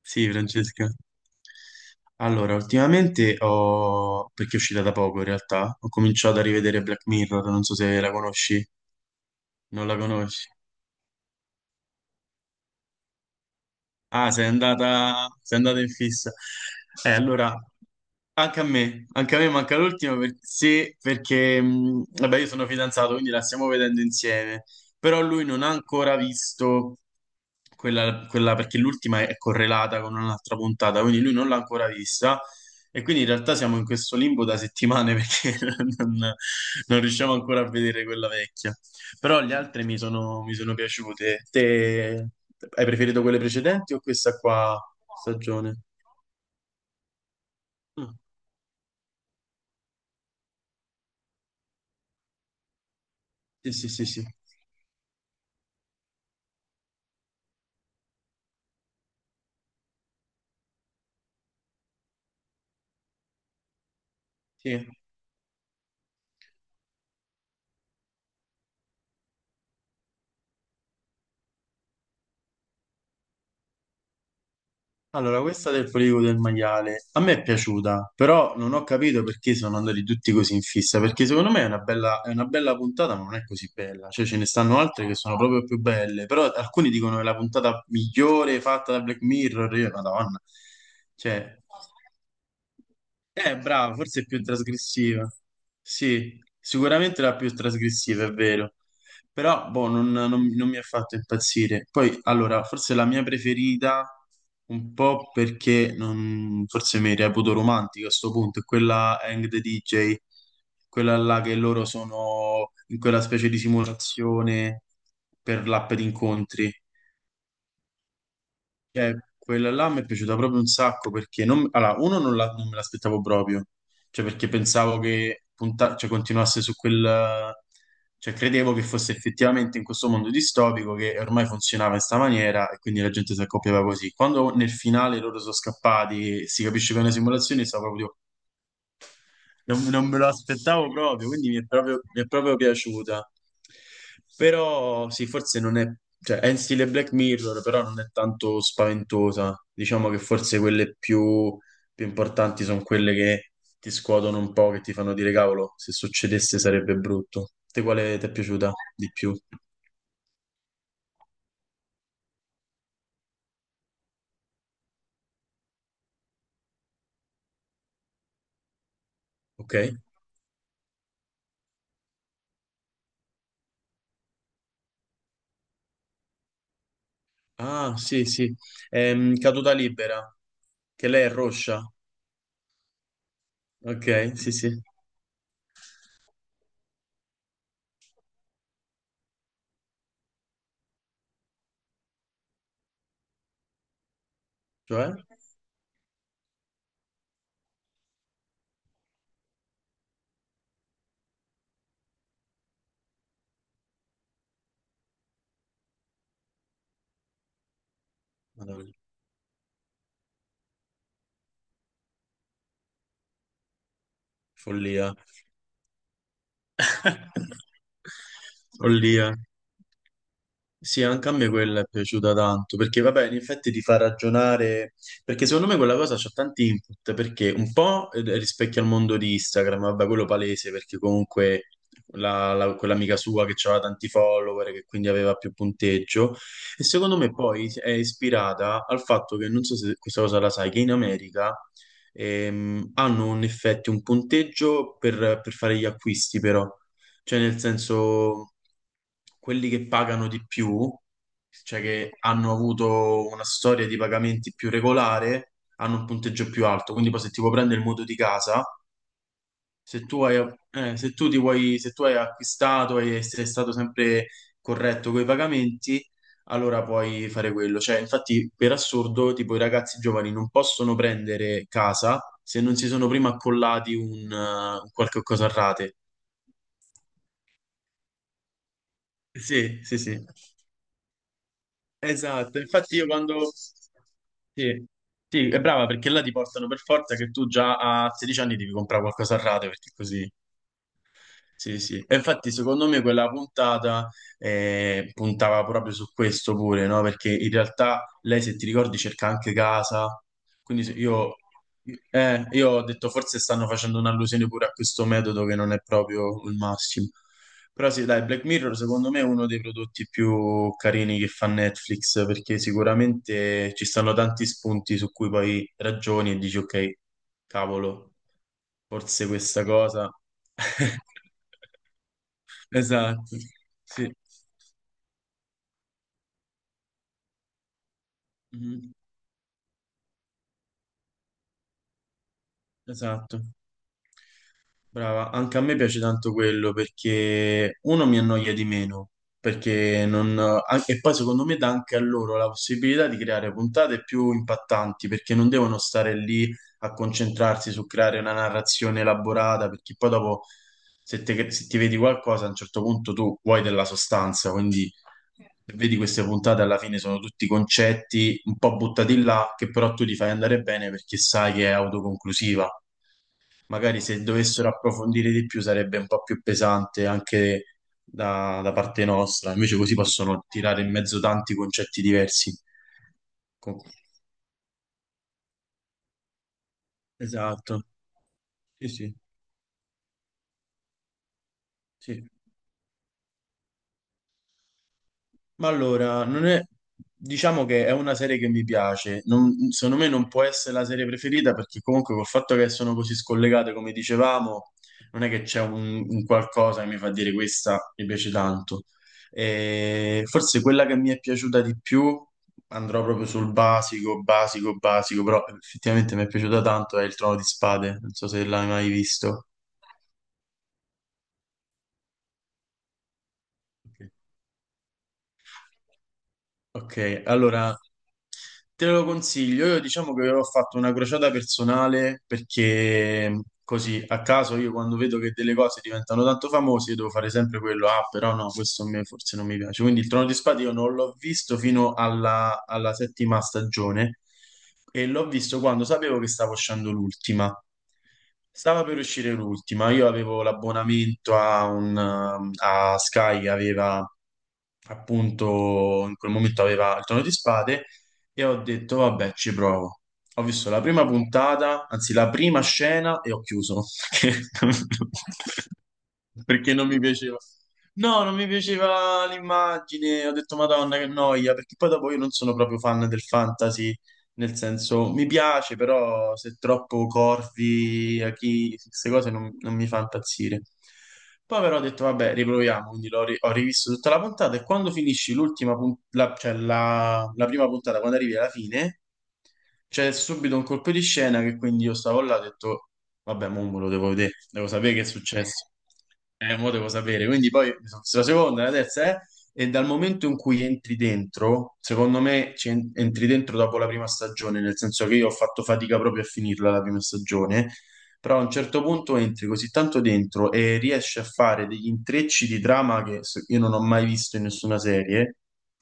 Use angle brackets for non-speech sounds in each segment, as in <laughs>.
Sì, Francesca. Allora, ultimamente ho, perché è uscita da poco in realtà, ho cominciato a rivedere Black Mirror, non so se la conosci, non la conosci. Ah, sei andata in fissa. Allora, anche a me manca l'ultima sì, perché, vabbè, io sono fidanzato, quindi la stiamo vedendo insieme, però lui non ha ancora visto quella, perché l'ultima è correlata con un'altra puntata, quindi lui non l'ha ancora vista e quindi in realtà siamo in questo limbo da settimane <laughs> perché non non riusciamo ancora a vedere quella vecchia. Però le altre mi sono piaciute. Te hai preferito quelle precedenti o questa qua stagione? Mm, sì, sì, sì, sì. Sì. Allora, questa del poligono del maiale a me è piaciuta, però non ho capito perché sono andati tutti così in fissa, perché secondo me è una bella puntata, ma non è così bella, cioè ce ne stanno altre che sono proprio più belle, però alcuni dicono che è la puntata migliore fatta da Black Mirror, io, Madonna, cioè, bravo, forse è più trasgressiva, sì, sicuramente la più trasgressiva, è vero. Però, boh, non mi ha fatto impazzire. Poi, allora, forse la mia preferita, un po' perché forse mi reputo romantico a sto punto, è quella Hang the DJ, quella là che loro sono in quella specie di simulazione per l'app di incontri. Quella là mi è piaciuta proprio un sacco perché non, allora, uno non, non me l'aspettavo proprio, cioè perché pensavo che cioè, continuasse su quel, cioè credevo che fosse effettivamente in questo mondo distopico che ormai funzionava in sta maniera e quindi la gente si accoppiava così. Quando nel finale loro sono scappati e si capisce che è una simulazione, stavo proprio non me lo aspettavo proprio, quindi mi è proprio piaciuta. Però sì, forse non è, cioè è in stile Black Mirror, però non è tanto spaventosa. Diciamo che forse quelle più importanti sono quelle che ti scuotono un po', che ti fanno dire cavolo, se succedesse sarebbe brutto. Te quale ti è piaciuta di più? Ok? Ah, sì, sì. Caduta libera, che lei è rossa. Ok, sì, sì. Cioè? Madonna, follia. <laughs> Follia. Sì, anche a me quella è piaciuta tanto, perché vabbè, in effetti ti fa ragionare, perché secondo me quella cosa c'ha tanti input, perché un po' rispecchia il mondo di Instagram, vabbè, quello palese, perché comunque quell'amica sua che aveva tanti follower, che quindi aveva più punteggio, e secondo me poi è ispirata al fatto che, non so se questa cosa la sai, che in America hanno un effetto, un punteggio per fare gli acquisti però. Cioè, nel senso, quelli che pagano di più, cioè che hanno avuto una storia di pagamenti più regolare, hanno un punteggio più alto. Quindi poi se ti vuoi prendere il mutuo di casa, se tu hai, se tu ti vuoi, se tu hai acquistato e sei stato sempre corretto con i pagamenti, allora puoi fare quello. Cioè, infatti, per assurdo, tipo i ragazzi giovani non possono prendere casa se non si sono prima accollati un qualche cosa a rate. Sì, sì, sì. Esatto, infatti io quando... Sì, sì, è brava perché là ti portano per forza che tu già a 16 anni devi comprare qualcosa a rate perché così... Sì, sì, e infatti secondo me quella puntata puntava proprio su questo pure, no? Perché in realtà lei, se ti ricordi, cerca anche casa, quindi io ho detto forse stanno facendo un'allusione pure a questo metodo che non è proprio il massimo. Però sì, dai, Black Mirror secondo me è uno dei prodotti più carini che fa Netflix, perché sicuramente ci stanno tanti spunti su cui poi ragioni e dici ok, cavolo. Forse questa cosa. <laughs> Esatto, sì, Mhm, esatto. Brava, anche a me piace tanto quello perché uno mi annoia di meno, perché non... e poi secondo me dà anche a loro la possibilità di creare puntate più impattanti, perché non devono stare lì a concentrarsi su creare una narrazione elaborata, perché poi dopo se, se ti vedi qualcosa a un certo punto tu vuoi della sostanza, quindi se vedi queste puntate alla fine sono tutti concetti un po' buttati là, che però tu li fai andare bene perché sai che è autoconclusiva magari se dovessero approfondire di più sarebbe un po' più pesante anche da parte nostra, invece così possono tirare in mezzo tanti concetti diversi. Co- Esatto, sì, sì, sì. Ma allora, non è, diciamo che è una serie che mi piace, secondo me non può essere la serie preferita perché comunque col fatto che sono così scollegate come dicevamo, non è che c'è un qualcosa che mi fa dire questa mi piace tanto. E forse quella che mi è piaciuta di più, andrò proprio sul basico, basico, basico, però effettivamente mi è piaciuta tanto, è Il Trono di Spade, non so se l'hai mai visto. Ok, allora... Te lo consiglio, io diciamo che ho fatto una crociata personale perché così a caso io quando vedo che delle cose diventano tanto famose io devo fare sempre quello, ah però no, questo a me forse non mi piace. Quindi il Trono di Spade io non l'ho visto fino alla settima stagione e l'ho visto quando sapevo che stava uscendo l'ultima. Stava per uscire l'ultima, io avevo l'abbonamento a Sky che aveva appunto in quel momento aveva il tono di spade e ho detto vabbè ci provo. Ho visto la prima puntata, anzi la prima scena e ho chiuso <laughs> perché, perché, non mi piaceva. No, non mi piaceva l'immagine, ho detto Madonna che noia, perché poi dopo io non sono proprio fan del fantasy nel senso, mi piace, però se troppo corvi, a chi, queste cose non mi fa impazzire. Poi però ho detto, vabbè, riproviamo, quindi ho rivisto tutta la puntata e quando finisci l'ultima cioè la prima puntata, quando arrivi alla fine, c'è subito un colpo di scena che quindi io stavo là e ho detto, vabbè, mo me lo devo vedere, devo sapere che è successo. Mo devo sapere. Quindi poi mi sono visto la seconda, la terza, eh. E dal momento in cui entri dentro, secondo me entri dentro dopo la prima stagione, nel senso che io ho fatto fatica proprio a finirla la prima stagione, però a un certo punto entri così tanto dentro e riesci a fare degli intrecci di trama che io non ho mai visto in nessuna serie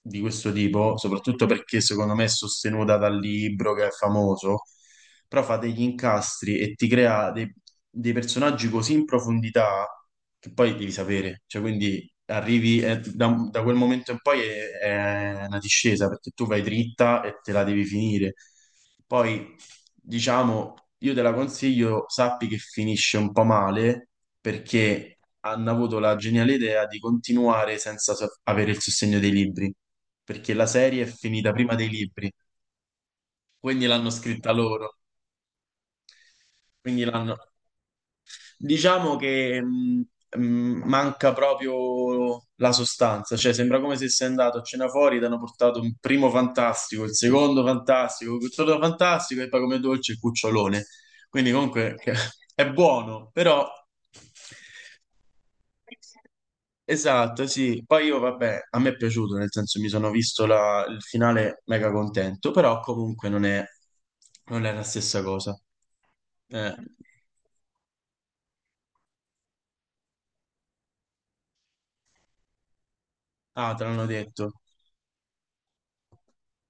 di questo tipo, soprattutto perché secondo me è sostenuta dal libro che è famoso, però fa degli incastri e ti crea dei personaggi così in profondità che poi devi sapere, cioè quindi arrivi da quel momento in poi è, una discesa perché tu vai dritta e te la devi finire. Poi, diciamo, io te la consiglio, sappi che finisce un po' male perché hanno avuto la geniale idea di continuare senza avere il sostegno dei libri, perché la serie è finita prima dei libri, quindi l'hanno scritta loro, quindi l'hanno Diciamo che mh, manca proprio la sostanza, cioè sembra come se sei andato a cena fuori, ti hanno portato un primo fantastico, il secondo fantastico, il terzo fantastico e poi come dolce il cucciolone. Quindi comunque che- <laughs> è buono, però esatto, sì. Poi io vabbè, a me è piaciuto, nel senso mi sono visto il finale mega contento, però comunque non è la stessa cosa. Eh. Ah, te l'hanno detto.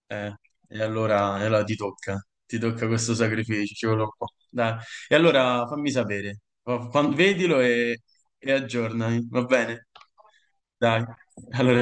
Eh, e allora ti tocca, questo sacrificio, ci vuole un po'. Dai. E allora fammi sapere, vedilo e, aggiornami, va bene? Dai, allora.